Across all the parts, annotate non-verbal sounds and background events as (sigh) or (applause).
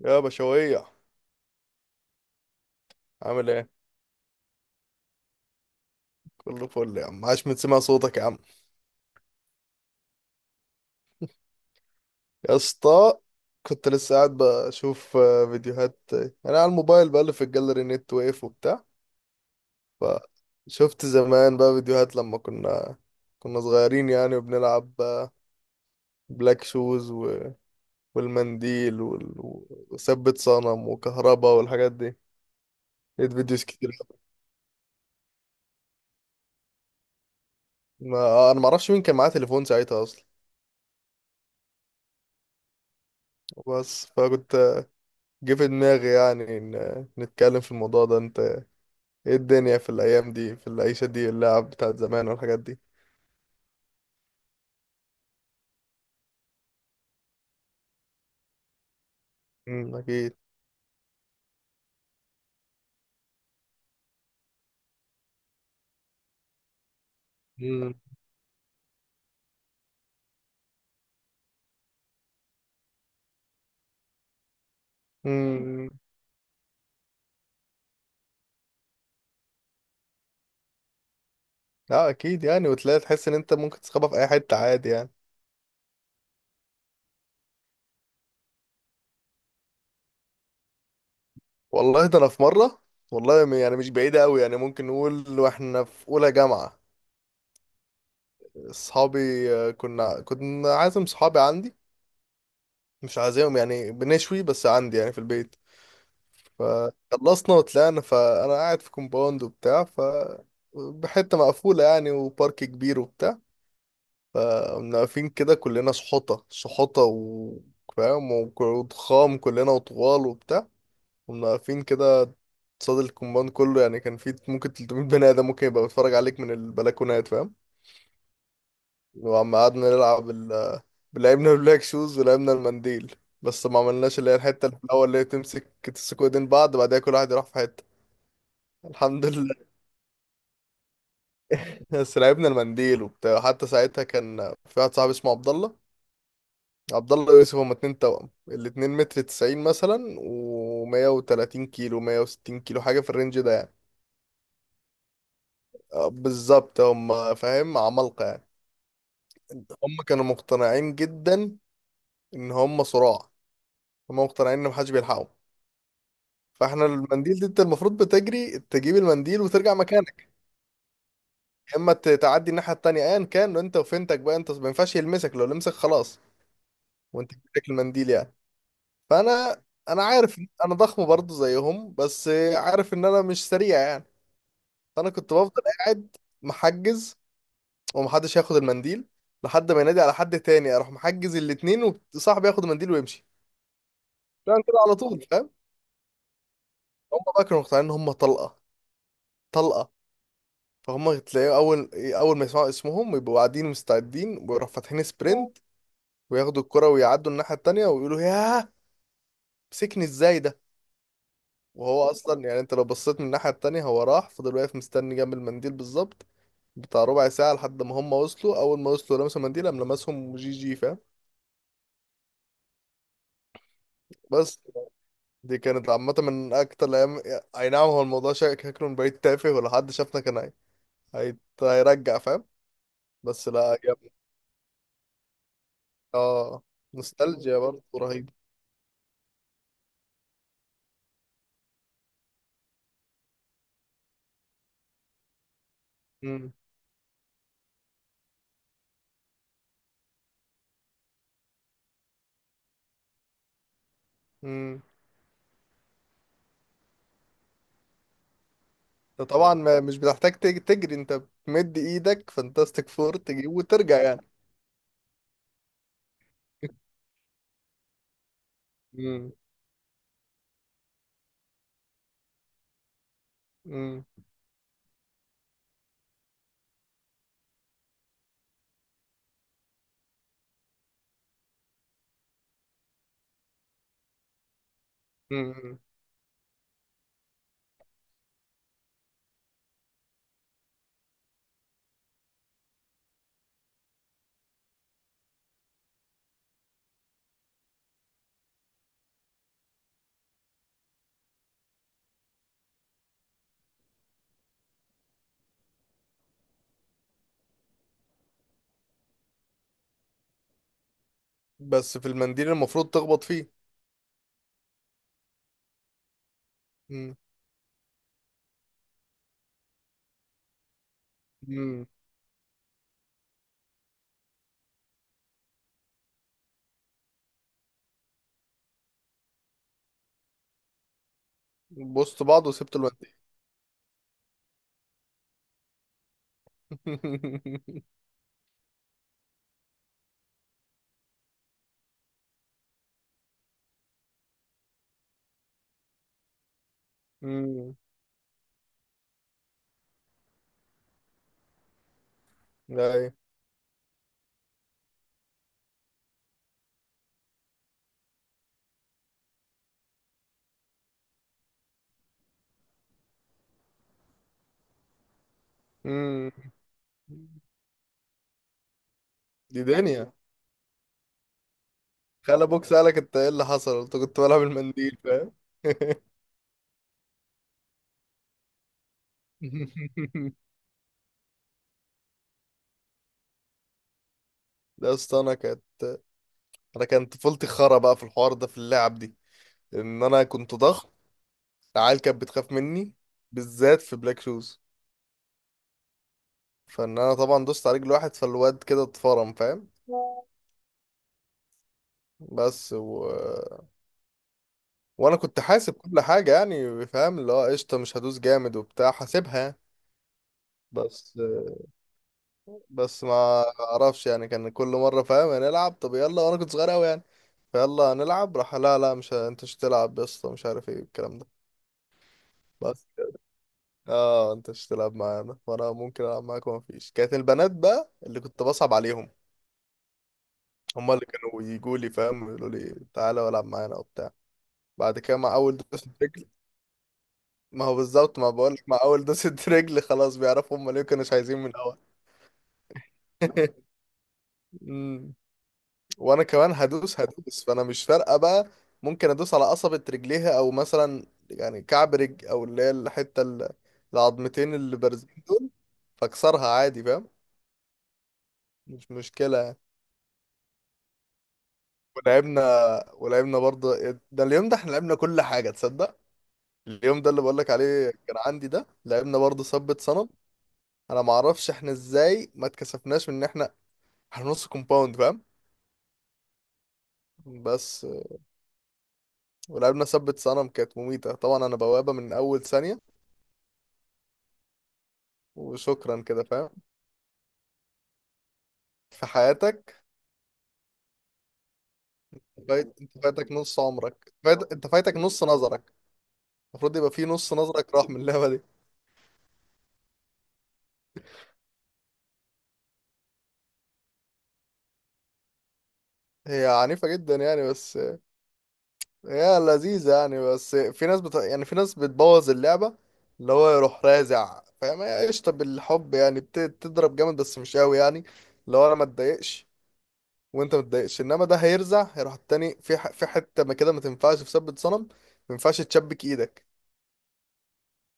يا بشوية، عامل ايه؟ كله فل يا عم. عاش من سمع صوتك يا عم، يا اسطى. كنت لسه قاعد بشوف فيديوهات، انا على الموبايل بقلب في الجاليري، نت واقف وبتاع. فشفت زمان بقى فيديوهات لما كنا صغيرين يعني وبنلعب، بلاك شوز والمنديل وثبت صنم وكهربا والحاجات دي. لقيت فيديوز كتير. ما... انا معرفش مين كان معاه تليفون ساعتها اصلا. بس فكنت، جه في دماغي يعني إن نتكلم في الموضوع ده. انت ايه الدنيا في الايام دي، في العيشه دي، اللعب بتاعت زمان والحاجات دي؟ اكيد. مم. امم اه اكيد يعني، وتلاقي تحس ان انت ممكن تسخبها في اي حته عادي يعني. والله، ده انا في مره، والله يعني مش بعيده قوي يعني، ممكن نقول واحنا في اولى جامعه. اصحابي، كنا عازم صحابي عندي، مش عازمهم يعني بنشوي، بس عندي يعني في البيت. فخلصنا وطلعنا، فانا قاعد في كومباوند وبتاع، ف بحته مقفوله يعني، وبارك كبير وبتاع. فقمنا واقفين كده كلنا، سحوطة سحوطة فاهم، وضخام كلنا وطوال وبتاع. قمنا واقفين كده قصاد الكومباوند كله. يعني كان في ممكن 300 بني آدم ممكن يبقى بيتفرج عليك من البلكونات، فاهم. وعم قعدنا نلعب لعبنا البلاك شوز ولعبنا المنديل. بس ما عملناش اللي هي الحتة اللي في الأول، اللي هي تمسك، تمسكوا ايدين بعض، بعدها كل واحد يروح في حتة. الحمد لله. (laughs) بس لعبنا المنديل وبتاع. حتى ساعتها كان في واحد صاحبي اسمه عبد الله. عبد الله ويوسف، هما اتنين توأم، الاتنين متر 90 مثلا، ومية وتلاتين كيلو، 160 كيلو، حاجة في الرينج ده يعني. بالظبط، هما فاهم عمالقة يعني. هما كانوا مقتنعين جدا إن هما صراع. هما مقتنعين إن محدش بيلحقهم. فاحنا المنديل دي، انت المفروض بتجري تجيب المنديل وترجع مكانك. يا اما تعدي الناحية التانية، ايا كان انت وفنتك بقى. انت ما ينفعش يلمسك، لو لمسك خلاص. وانت بتاكل المنديل يعني. فانا عارف إن انا ضخم برضه زيهم، بس عارف ان انا مش سريع يعني. فانا كنت بفضل قاعد محجز، ومحدش ياخد المنديل، لحد ما ينادي على حد تاني، اروح محجز الاتنين، وصاحبي ياخد المنديل ويمشي. طبعا كده على طول فاهم. هم بقى كانوا مقتنعين ان هم طلقه. طلقه. فهم تلاقيه، اول اول ما يسمعوا اسمهم يبقوا قاعدين مستعدين، ويروحوا فاتحين سبرنت، وياخدوا الكرة ويعدوا الناحيه التانيه، ويقولوا ياه، مسكني ازاي ده. وهو اصلا يعني، انت لو بصيت من الناحيه التانيه، هو راح فضل واقف مستني جنب المنديل بالظبط، بتاع ربع ساعه، لحد ما هم وصلوا. اول ما وصلوا لمسوا المنديل، قام لمسهم جي جي فاهم. بس، دي كانت عامة من أكتر الأيام. أي نعم، هو الموضوع شكله من بعيد تافه، ولو حد شافنا كان، هيرجع فاهم. بس لا يا ابني. آه نوستالجيا برضه رهيبة. مم. مم. أنت طبعا ما مش بتحتاج تجري، أنت بتمد إيدك فانتاستيك فور تجيب وترجع يعني. مم. مم. مم. بس في المنديل المفروض تخبط فيه. مم. مم. بوست بعض وسبت المنديل. (laughs) مم. أيوة. مم. دي دنيا. خلى ابوك سألك انت ايه اللي حصل، قلت كنت بلعب المنديل فاهم. (laughs) لا، اصل انا كانت، طفولتي خرا بقى في الحوار ده، في اللعب دي، ان انا كنت ضخم. العيال كانت بتخاف مني، بالذات في بلاك شوز. فان انا طبعا دوست على رجل واحد، فالواد كده اتفرم فاهم. بس وانا كنت حاسب كل حاجه يعني فاهم، اللي هو قشطه، مش هدوس جامد وبتاع، حاسبها. بس بس ما اعرفش يعني، كان كل مره فاهم هنلعب، طب يلا، وانا كنت صغير قوي. فيلا نلعب، راح لا لا، مش انت مش تلعب يا اسطى، مش عارف ايه الكلام ده. بس اه، انت مش تلعب معانا، وانا ممكن العب معاك، وما فيش. كانت البنات بقى اللي كنت بصعب عليهم. هما اللي كانوا يجوا لي فاهم، يقولوا لي تعالى والعب معانا وبتاع. بعد كده مع اول دوسة رجل. ما هو بالظبط، ما بقول لك، مع اول دوسة (laughs) رجل خلاص بيعرفوا، هما ليه كانوا مش عايزين من الاول. (laughs) وانا كمان هدوس هدوس، فانا مش فارقه بقى. ممكن ادوس على قصبة رجليها، او مثلا يعني كعب رجل، او اللي هي الحته العظمتين اللي بارزين دول. فاكسرها عادي فاهم. مش مشكله يعني. ولعبنا، ولعبنا برضه. ده اليوم ده، احنا لعبنا كل حاجه تصدق. اليوم ده اللي بقولك عليه كان عندي، ده لعبنا برضه ثبت صنم. انا معرفش احنا ازاي ما اتكسفناش من ان احنا نص كومباوند فاهم. بس، ولعبنا ثبت صنم، كانت مميته طبعا. انا بوابه من اول ثانيه وشكرا كده فاهم. في حياتك. فايت، انت فايتك نص عمرك، انت فايتك نص نظرك. المفروض يبقى في نص نظرك راح من اللعبة دي. هي عنيفة جدا يعني، بس هي لذيذة يعني. بس في ناس يعني في ناس بتبوظ اللعبة. اللي هو يروح رازع فاهم. هي قشطة بالحب يعني، بتضرب جامد بس مش قوي يعني. اللي هو انا ما اتضايقش وانت ما تضايقش، انما ده هيرزع، هيروح التاني في في حتة ما، كده ما تنفعش في ثبت صنم. ما ينفعش تشبك ايدك.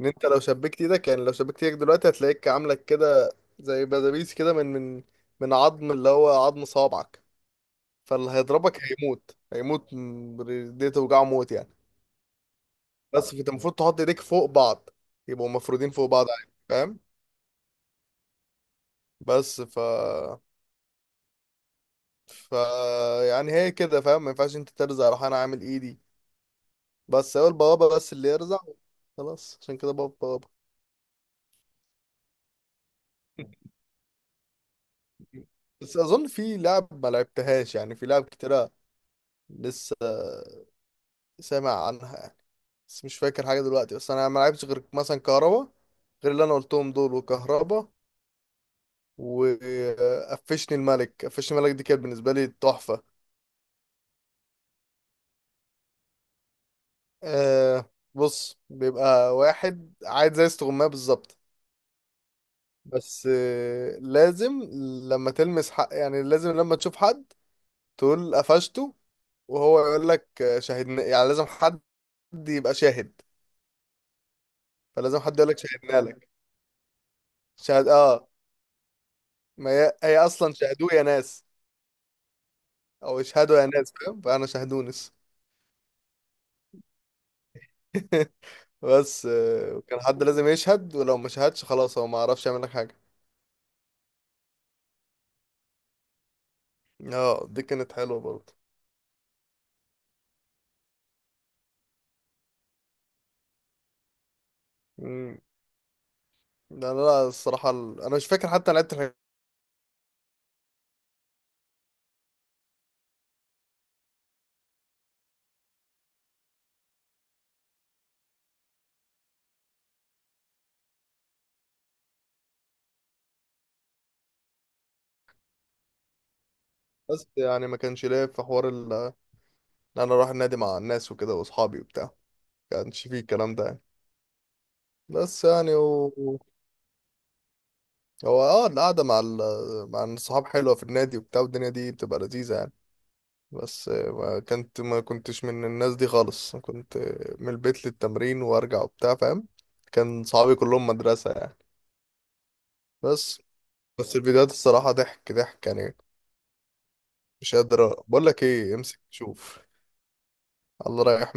ان انت لو شبكت ايدك، يعني لو شبكت ايدك دلوقتي، هتلاقيك عامله كده زي بلابيس كده، من عظم اللي هو عظم صوابعك. فاللي هيضربك هيموت، هيموت، دي توجعه موت يعني. بس فانت المفروض تحط ايديك فوق بعض، يبقوا مفرودين فوق بعض عادي فاهم. بس ف ف يعني هي كده فاهم، ما ينفعش انت ترزع. راح انا عامل ايدي. بس هو البوابه بس اللي يرزع. خلاص عشان كده، بابا بابا. بس اظن في لعب ما لعبتهاش يعني، في لعب كتيره لسه سامع عنها، بس مش فاكر حاجة دلوقتي. بس أنا ما لعبتش غير مثلا كهربا، غير اللي أنا قلتهم دول، وكهربا. وقفشني الملك. قفشني الملك دي كانت بالنسبة لي تحفة. أه بص، بيبقى واحد عايز زي استغماية بالظبط، بس لازم لما تلمس حق يعني، لازم لما تشوف حد تقول قفشته. وهو يقول لك شاهدنا. يعني لازم حد يبقى شاهد. فلازم حد يقول لك شاهدنا لك. شاهد، اه. ما هي، هي اصلا شاهدوه يا ناس، او اشهدوا يا ناس فاهم، فانا شهدونس. (laughs) بس كان حد لازم يشهد، ولو ما شهدش خلاص، هو ما عرفش يعمل لك حاجه. اه دي كانت حلوه برضه. مم. ده انا، لا الصراحه، انا مش فاكر حتى انا لعبت الحاجات. بس يعني ما كانش ليا في حوار ان انا اروح النادي مع الناس وكده واصحابي وبتاع. ما كانش فيه الكلام ده يعني. بس يعني هو اه القعده مع مع الصحاب حلوه في النادي وبتاع، والدنيا دي بتبقى لذيذه يعني. بس ما كنتش من الناس دي خالص. كنت من البيت للتمرين وارجع وبتاع فاهم. كان صحابي كلهم مدرسة يعني. بس بس الفيديوهات الصراحة ضحك ضحك يعني، مش قادر بقول لك ايه، امسك شوف. الله رايح.